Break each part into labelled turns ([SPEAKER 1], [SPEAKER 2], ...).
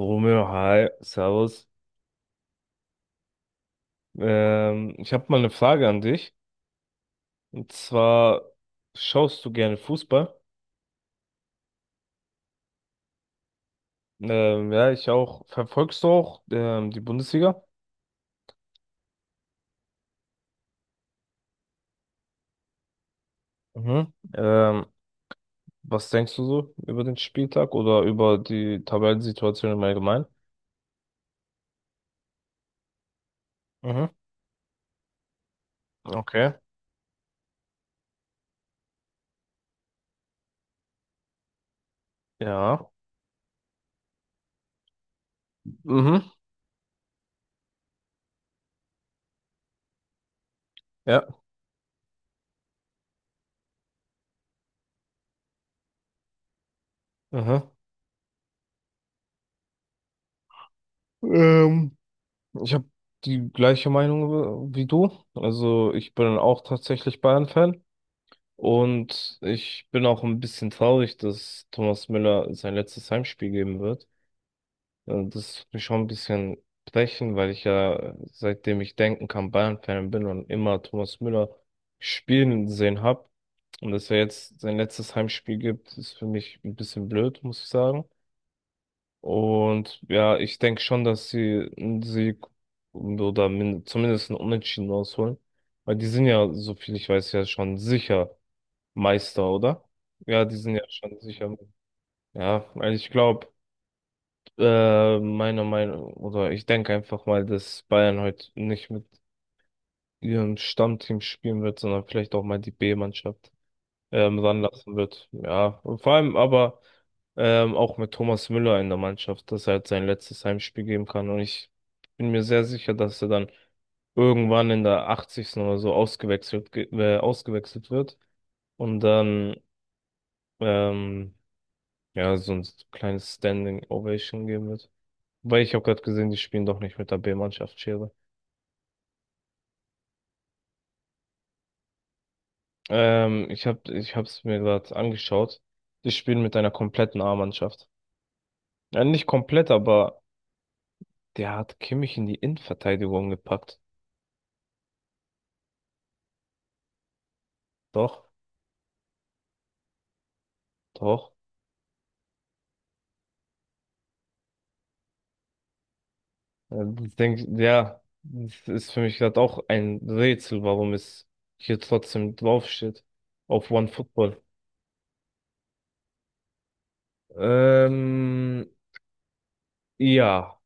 [SPEAKER 1] Romeo, hi, servus. Ich habe mal eine Frage an dich. Und zwar, schaust du gerne Fußball? Ja, ich auch. Verfolgst du auch die Bundesliga? Mhm. Was denkst du so über den Spieltag oder über die Tabellensituation im Allgemeinen? Mhm. Okay. Ja. Mhm. Ja. Mhm. Ähm, ich habe die gleiche Meinung wie du. Also ich bin auch tatsächlich Bayern-Fan. Und ich bin auch ein bisschen traurig, dass Thomas Müller sein letztes Heimspiel geben wird. Das tut mich schon ein bisschen brechen, weil ich ja, seitdem ich denken kann, Bayern-Fan bin und immer Thomas Müller spielen sehen habe. Und dass er jetzt sein letztes Heimspiel gibt, ist für mich ein bisschen blöd, muss ich sagen. Und ja, ich denke schon, dass sie einen Sieg oder zumindest einen Unentschieden rausholen. Weil die sind ja, so viel ich weiß, ja schon sicher Meister, oder? Ja, die sind ja schon sicher. Ja, also ich glaube, meiner Meinung, oder ich denke einfach mal, dass Bayern heute nicht mit ihrem Stammteam spielen wird, sondern vielleicht auch mal die B-Mannschaft ranlassen wird. Ja, und vor allem aber auch mit Thomas Müller in der Mannschaft, dass er halt sein letztes Heimspiel geben kann. Und ich bin mir sehr sicher, dass er dann irgendwann in der 80. oder so ausgewechselt, ausgewechselt wird. Und dann ähm, Ja, so ein kleines Standing Ovation geben wird. Weil ich habe gerade gesehen, die spielen doch nicht mit der B-Mannschaft Schere. Ich hab's mir gerade angeschaut. Die spielen mit einer kompletten A-Mannschaft. Ja, nicht komplett, aber der hat Kimmich in die Innenverteidigung gepackt. Doch, doch. Ich denke ja, das ist für mich gerade auch ein Rätsel, warum es hier trotzdem draufsteht. Auf OneFootball. Ähm, ja.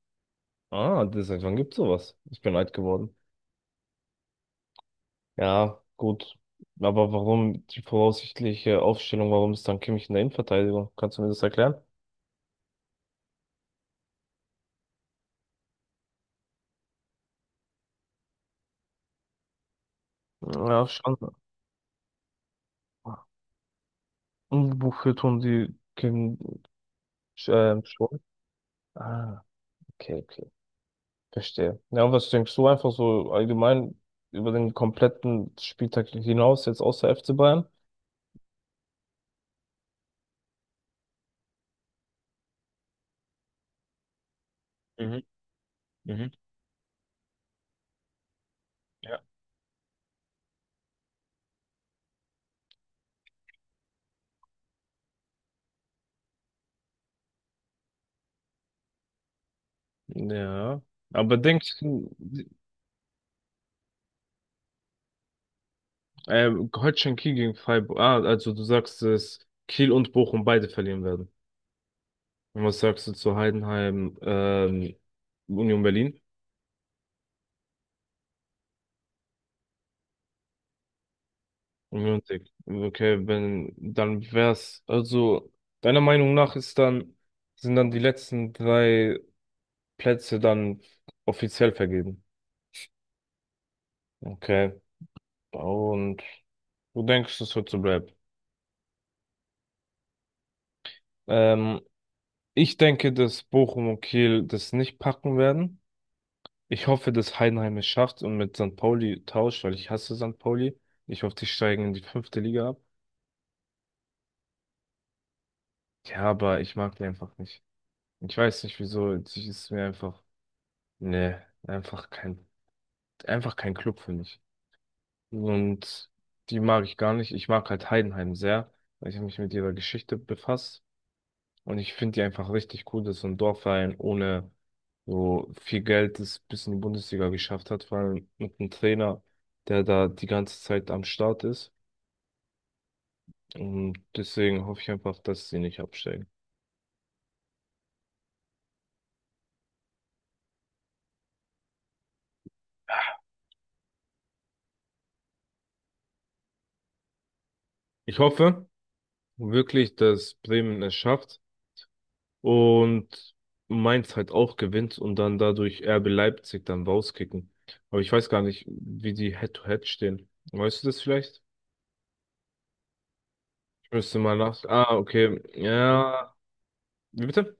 [SPEAKER 1] Ah, das, seit wann gibt's sowas? Ich bin alt geworden. Ja, gut. Aber warum die voraussichtliche Aufstellung, warum ist dann Kimmich in der Innenverteidigung? Kannst du mir das erklären? Ja, schon. Und wofür tun die Kim schon? Ah, okay, okay. Verstehe. Ja, und was denkst du einfach so allgemein über den kompletten Spieltag hinaus, jetzt außer FC Bayern? Mhm. Mhm. Ja. Ja. Aber denkst du, Holstein Kiel gegen Freiburg, ah, also du sagst, dass Kiel und Bochum beide verlieren werden. Und was sagst du zu Heidenheim, Union Berlin? Union Sieg. Okay, wenn, dann wär's, also, deiner Meinung nach ist dann, sind dann die letzten drei Plätze dann offiziell vergeben. Okay. Und du denkst, das wird so bleiben. Ähm, ich denke, dass Bochum und Kiel das nicht packen werden. Ich hoffe, dass Heidenheim es schafft und mit St. Pauli tauscht, weil ich hasse St. Pauli. Ich hoffe, die steigen in die fünfte Liga ab. Ja, aber ich mag die einfach nicht. Ich weiß nicht wieso, es ist mir einfach, ne, einfach kein Club für mich. Und die mag ich gar nicht. Ich mag halt Heidenheim sehr, weil ich habe mich mit ihrer Geschichte befasst. Und ich finde die einfach richtig cool, dass so ein Dorfverein ohne so viel Geld es bis in die Bundesliga geschafft hat, vor allem mit einem Trainer, der da die ganze Zeit am Start ist. Und deswegen hoffe ich einfach, dass sie nicht absteigen. Ich hoffe wirklich, dass Bremen es schafft und Mainz halt auch gewinnt und dann dadurch RB Leipzig dann rauskicken. Aber ich weiß gar nicht, wie die Head-to-Head stehen. Weißt du das vielleicht? Ich müsste mal nach. Ah, okay. Ja. Wie bitte?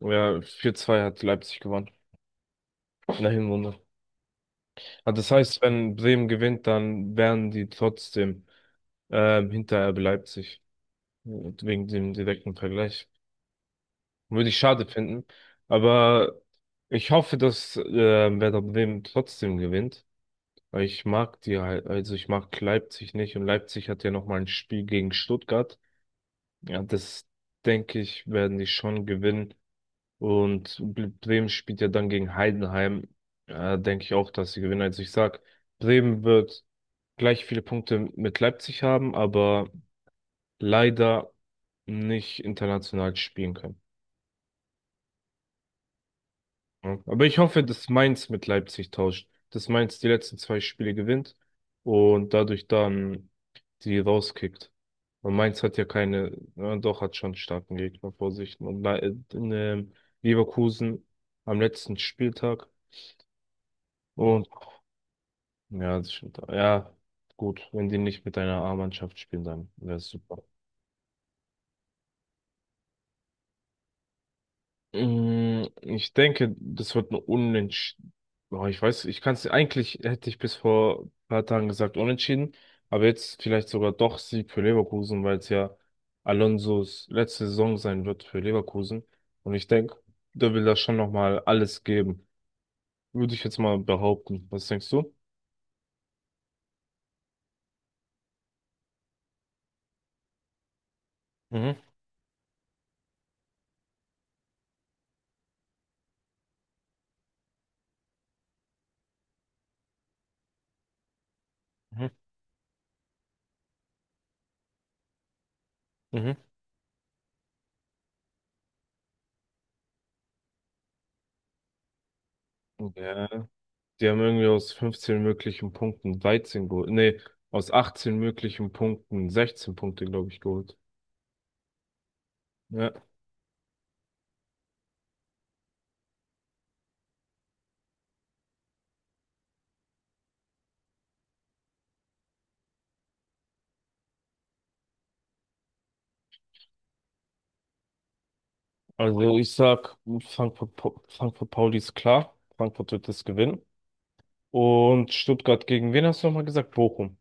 [SPEAKER 1] Ja, 4-2 hat Leipzig gewonnen. In der Hinrunde. Ah, das heißt, wenn Bremen gewinnt, dann wären die trotzdem hinter RB Leipzig. Und wegen dem direkten Vergleich. Würde ich schade finden. Aber ich hoffe, dass Werder Bremen trotzdem gewinnt. Weil ich mag die halt, also ich mag Leipzig nicht und Leipzig hat ja nochmal ein Spiel gegen Stuttgart. Ja, das denke ich, werden die schon gewinnen. Und Bremen spielt ja dann gegen Heidenheim. Ja, denke ich auch, dass sie gewinnen. Also ich sag, Bremen wird gleich viele Punkte mit Leipzig haben, aber leider nicht international spielen können. Ja. Aber ich hoffe, dass Mainz mit Leipzig tauscht, dass Mainz die letzten zwei Spiele gewinnt und dadurch dann die rauskickt. Und Mainz hat ja keine, ja, doch hat schon starken Gegner vor sich. Und äh, Leverkusen am letzten Spieltag. Und ja, das stimmt. Ja, gut, wenn die nicht mit einer A-Mannschaft spielen, dann wäre es super. Ich denke, das wird ein Unentschieden. Oh, ich weiß, ich kann es eigentlich, hätte ich bis vor ein paar Tagen gesagt, unentschieden, aber jetzt vielleicht sogar doch Sieg für Leverkusen, weil es ja Alonsos letzte Saison sein wird für Leverkusen. Und ich denke, der will da schon nochmal alles geben. Würde ich jetzt mal behaupten. Was denkst du? Mhm, mhm, mhm. Ja, die haben irgendwie aus 15 möglichen Punkten 13 geholt. Nee, aus 18 möglichen Punkten 16 Punkte, glaube ich, geholt. Ja. Also ich sag, Frankfurt Pauli ist klar. Frankfurt wird das gewinnen. Und Stuttgart gegen wen hast du nochmal gesagt? Bochum.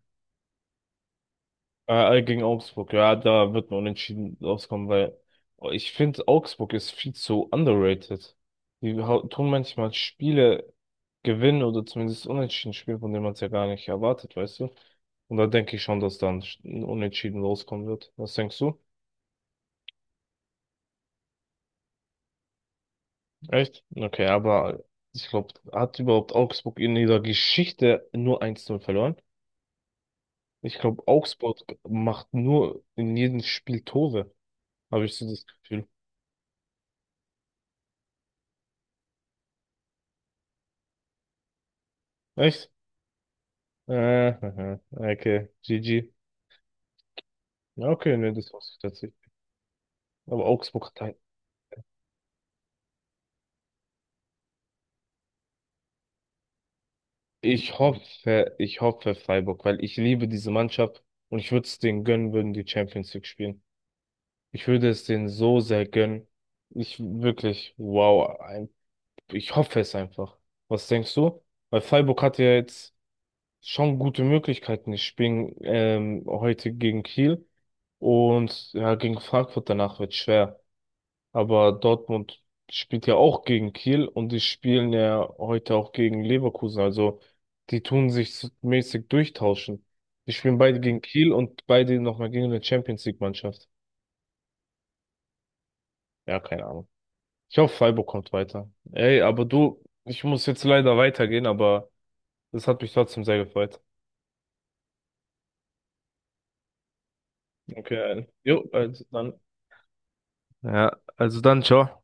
[SPEAKER 1] Gegen Augsburg. Ja, da wird ein Unentschieden rauskommen, weil ich finde, Augsburg ist viel zu underrated. Die tun manchmal Spiele gewinnen oder zumindest Unentschieden spielen, von denen man es ja gar nicht erwartet, weißt du? Und da denke ich schon, dass dann ein Unentschieden rauskommen wird. Was denkst du? Echt? Okay, aber ich glaube, hat überhaupt Augsburg in ihrer Geschichte nur eins 0 verloren? Ich glaube, Augsburg macht nur in jedem Spiel Tore, habe ich so das Gefühl. Echt? Äh, aha, okay, GG. Ja, okay, ne, das war's tatsächlich. Aber Augsburg hat halt, ich hoffe Freiburg, weil ich liebe diese Mannschaft und ich würde es denen gönnen, würden die Champions League spielen. Ich würde es denen so sehr gönnen. Ich wirklich, wow. Ich hoffe es einfach. Was denkst du? Weil Freiburg hatte ja jetzt schon gute Möglichkeiten. Die spielen heute gegen Kiel und ja, gegen Frankfurt danach wird schwer. Aber Dortmund spielt ja auch gegen Kiel und die spielen ja heute auch gegen Leverkusen. Also die tun sich so mäßig durchtauschen. Die spielen beide gegen Kiel und beide nochmal gegen eine Champions League Mannschaft. Ja, keine Ahnung. Ich hoffe, Freiburg kommt weiter. Ey, aber du, ich muss jetzt leider weitergehen, aber das hat mich trotzdem sehr gefreut. Okay, also, jo, also dann. Ja, also dann, ciao.